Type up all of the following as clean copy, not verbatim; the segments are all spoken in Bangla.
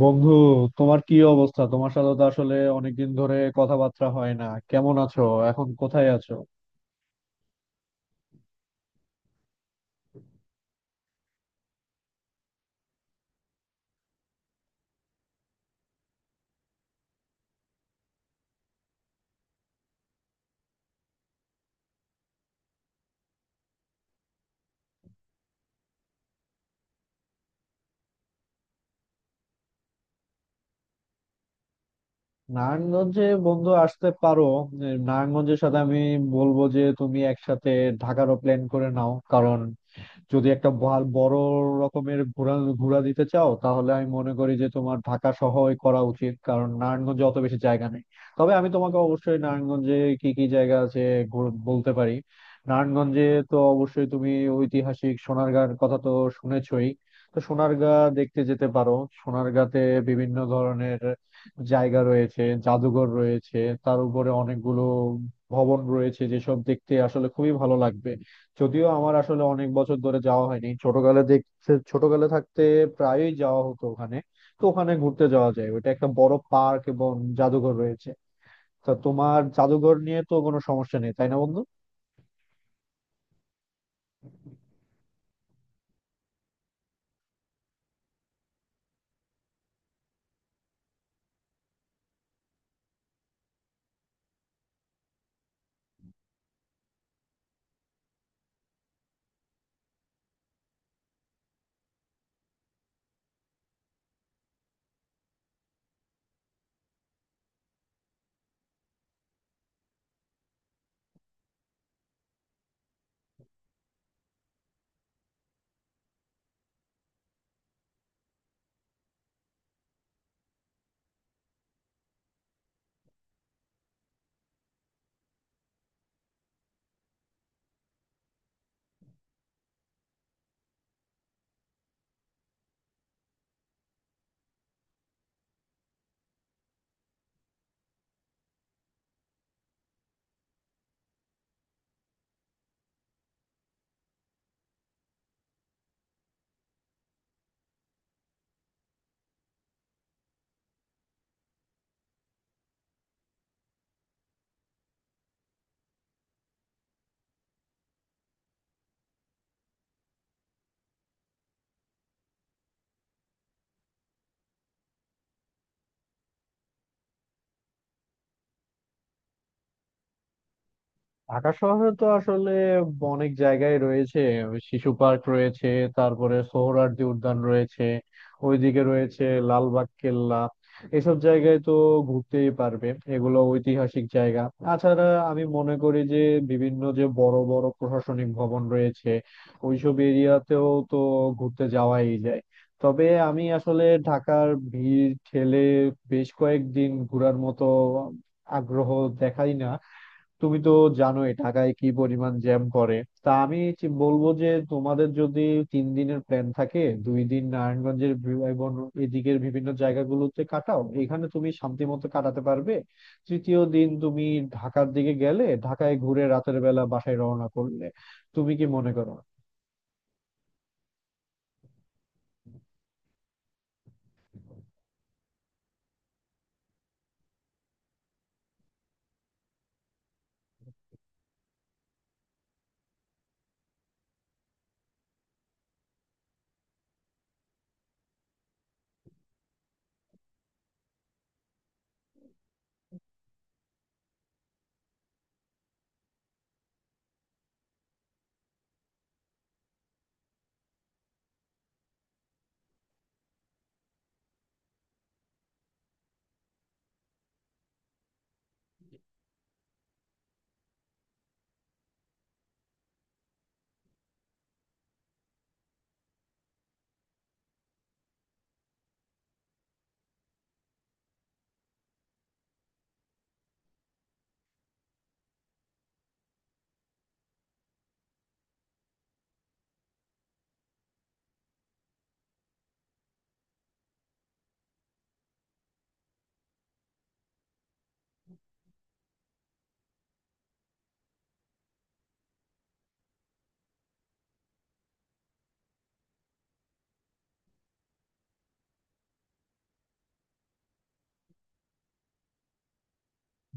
বন্ধু, তোমার কি অবস্থা? তোমার সাথে তো আসলে অনেকদিন ধরে কথাবার্তা হয় না। কেমন আছো? এখন কোথায় আছো? নারায়ণগঞ্জে বন্ধু আসতে পারো। নারায়ণগঞ্জের সাথে আমি বলবো যে তুমি একসাথে ঢাকারও প্ল্যান করে নাও, কারণ যদি একটা বড় রকমের ঘোরা ঘোরা দিতে চাও তাহলে আমি মনে করি যে তোমার ঢাকা শহরই করা উচিত, কারণ নারায়ণগঞ্জে অত বেশি জায়গা নেই। তবে আমি তোমাকে অবশ্যই নারায়ণগঞ্জে কি কি জায়গা আছে বলতে পারি। নারায়ণগঞ্জে তো অবশ্যই তুমি ঐতিহাসিক সোনারগাঁর কথা তো শুনেছই। তো সোনারগাঁ দেখতে যেতে পারো। সোনারগাঁতে বিভিন্ন ধরনের জায়গা রয়েছে, জাদুঘর রয়েছে, তার উপরে অনেকগুলো ভবন রয়েছে যেসব দেখতে আসলে খুবই ভালো লাগবে। যদিও আমার আসলে অনেক বছর ধরে যাওয়া হয়নি, ছোটকালে দেখতে, ছোটকালে থাকতে প্রায়ই যাওয়া হতো ওখানে। তো ওখানে ঘুরতে যাওয়া যায়, ওইটা একটা বড় পার্ক এবং জাদুঘর রয়েছে। তা তোমার জাদুঘর নিয়ে তো কোনো সমস্যা নেই, তাই না বন্ধু? ঢাকা শহরে তো আসলে অনেক জায়গায় রয়েছে। ওই শিশু পার্ক রয়েছে, তারপরে সোহরাওয়ার্দী উদ্যান রয়েছে, ওইদিকে রয়েছে লালবাগ কেল্লা। এসব জায়গায় তো ঘুরতেই পারবে, এগুলো ঐতিহাসিক জায়গা। তাছাড়া আমি মনে করি যে বিভিন্ন যে বড় বড় প্রশাসনিক ভবন রয়েছে, ওইসব এরিয়াতেও তো ঘুরতে যাওয়াই যায়। তবে আমি আসলে ঢাকার ভিড় ঠেলে বেশ কয়েকদিন ঘোরার মতো আগ্রহ দেখাই না। তুমি তো জানোই ঢাকায় কি পরিমাণ জ্যাম করে। তা আমি বলবো যে তোমাদের যদি 3 দিনের প্ল্যান থাকে, 2 দিন নারায়ণগঞ্জের এবং এদিকের বিভিন্ন জায়গাগুলোতে কাটাও, এখানে তুমি শান্তি মতো কাটাতে পারবে। তৃতীয় দিন তুমি ঢাকার দিকে গেলে, ঢাকায় ঘুরে রাতের বেলা বাসায় রওনা করলে তুমি কি মনে করো?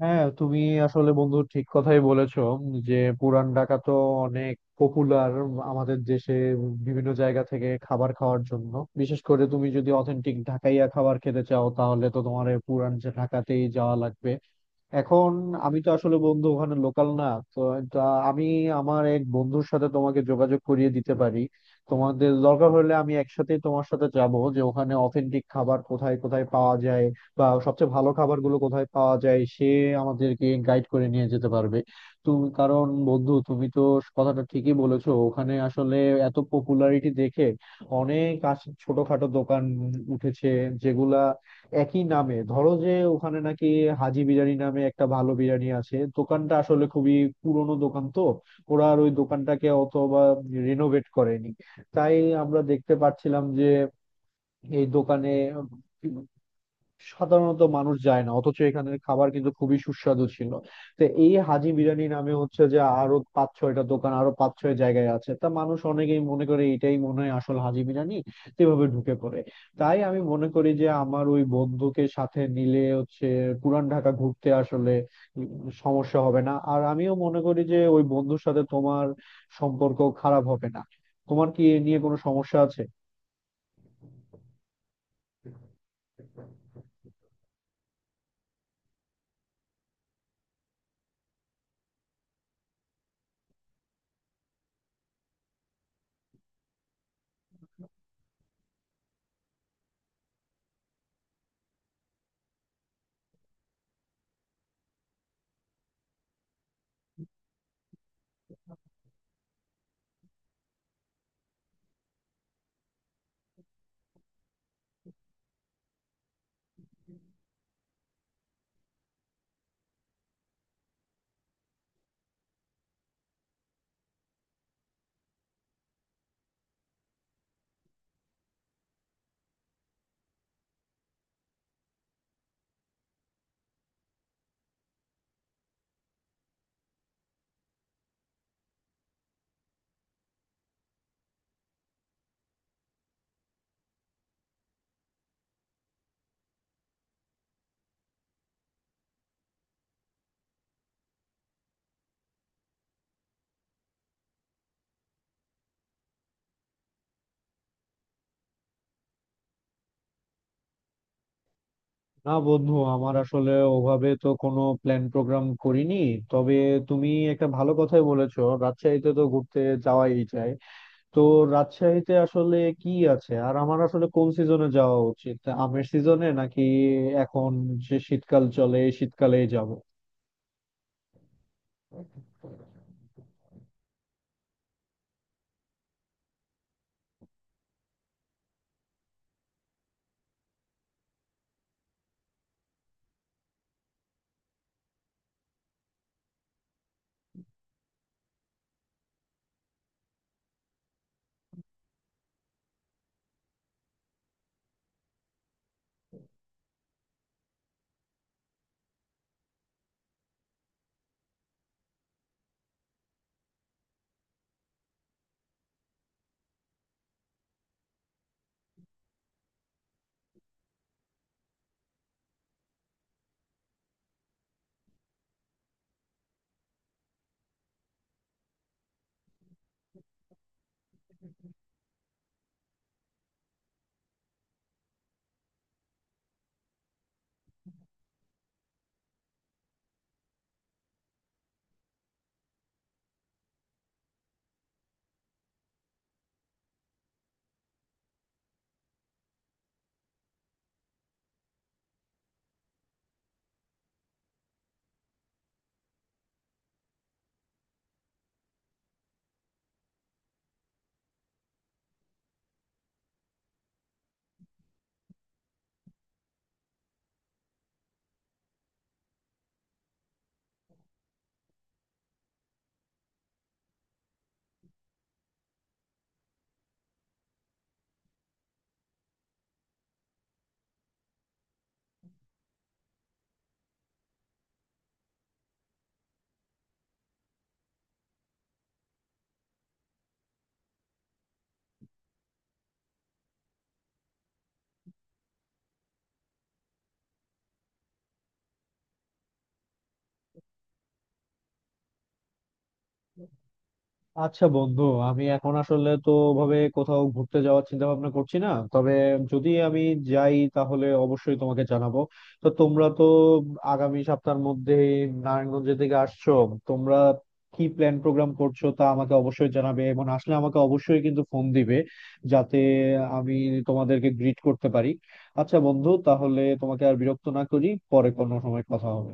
হ্যাঁ, তুমি আসলে বন্ধু ঠিক কথাই বলেছো যে পুরান ঢাকা তো অনেক পপুলার আমাদের দেশে, বিভিন্ন জায়গা থেকে খাবার খাওয়ার জন্য। বিশেষ করে তুমি যদি অথেন্টিক ঢাকাইয়া খাবার খেতে চাও তাহলে তো তোমার এই পুরান যে ঢাকাতেই যাওয়া লাগবে। এখন আমি তো আসলে বন্ধু ওখানে লোকাল না, তো তা আমি আমার এক বন্ধুর সাথে তোমাকে যোগাযোগ করিয়ে দিতে পারি। তোমাদের দরকার হলে আমি একসাথে তোমার সাথে যাব, যে ওখানে অথেন্টিক খাবার কোথায় কোথায় পাওয়া যায় বা সবচেয়ে ভালো খাবারগুলো কোথায় পাওয়া যায়, সে আমাদেরকে গাইড করে নিয়ে যেতে পারবে। তুমি, কারণ বন্ধু তুমি তো কথাটা ঠিকই বলেছো, ওখানে আসলে এত পপুলারিটি দেখে অনেক ছোটখাটো দোকান উঠেছে, যেগুলা একই নামে। ধরো যে ওখানে নাকি হাজি বিরিয়ানি নামে একটা ভালো বিরিয়ানি আছে, দোকানটা আসলে খুবই পুরনো দোকান। তো ওরা আর ওই দোকানটাকে অত বা রিনোভেট করেনি, তাই আমরা দেখতে পাচ্ছিলাম যে এই দোকানে সাধারণত মানুষ যায় না, অথচ এখানের খাবার কিন্তু খুবই সুস্বাদু ছিল। তো এই হাজি বিরিয়ানি নামে হচ্ছে যে আরো 5-6টা দোকান আরো 5-6 জায়গায় আছে, তা মানুষ অনেকেই মনে করে এটাই মনে হয় আসল হাজি বিরিয়ানি, তো এভাবে ঢুকে পড়ে। তাই আমি মনে করি যে আমার ওই বন্ধুকে সাথে নিলে হচ্ছে পুরান ঢাকা ঘুরতে আসলে সমস্যা হবে না, আর আমিও মনে করি যে ওই বন্ধুর সাথে তোমার সম্পর্ক খারাপ হবে না। তোমার কি এ নিয়ে কোনো সমস্যা আছে? না বন্ধু, আমার আসলে ওভাবে তো কোনো প্ল্যান প্রোগ্রাম করিনি। তবে তুমি একটা ভালো কথাই বলেছো, রাজশাহীতে তো ঘুরতে যাওয়াই যায়। তো রাজশাহীতে আসলে কি আছে, আর আমার আসলে কোন সিজনে যাওয়া উচিত? আমের সিজনে, নাকি এখন যে শীতকাল চলে এই শীতকালেই যাব? আচ্ছা বন্ধু, আমি এখন আসলে তো ভাবে কোথাও ঘুরতে যাওয়ার চিন্তা ভাবনা করছি না, তবে যদি আমি যাই তাহলে অবশ্যই তোমাকে জানাবো। তো তোমরা তো আগামী সপ্তাহের মধ্যে নারায়ণগঞ্জের দিকে আসছো, তোমরা কি প্ল্যান প্রোগ্রাম করছো তা আমাকে অবশ্যই জানাবে, এবং আসলে আমাকে অবশ্যই কিন্তু ফোন দিবে, যাতে আমি তোমাদেরকে গ্রিট করতে পারি। আচ্ছা বন্ধু, তাহলে তোমাকে আর বিরক্ত না করি, পরে কোনো সময় কথা হবে।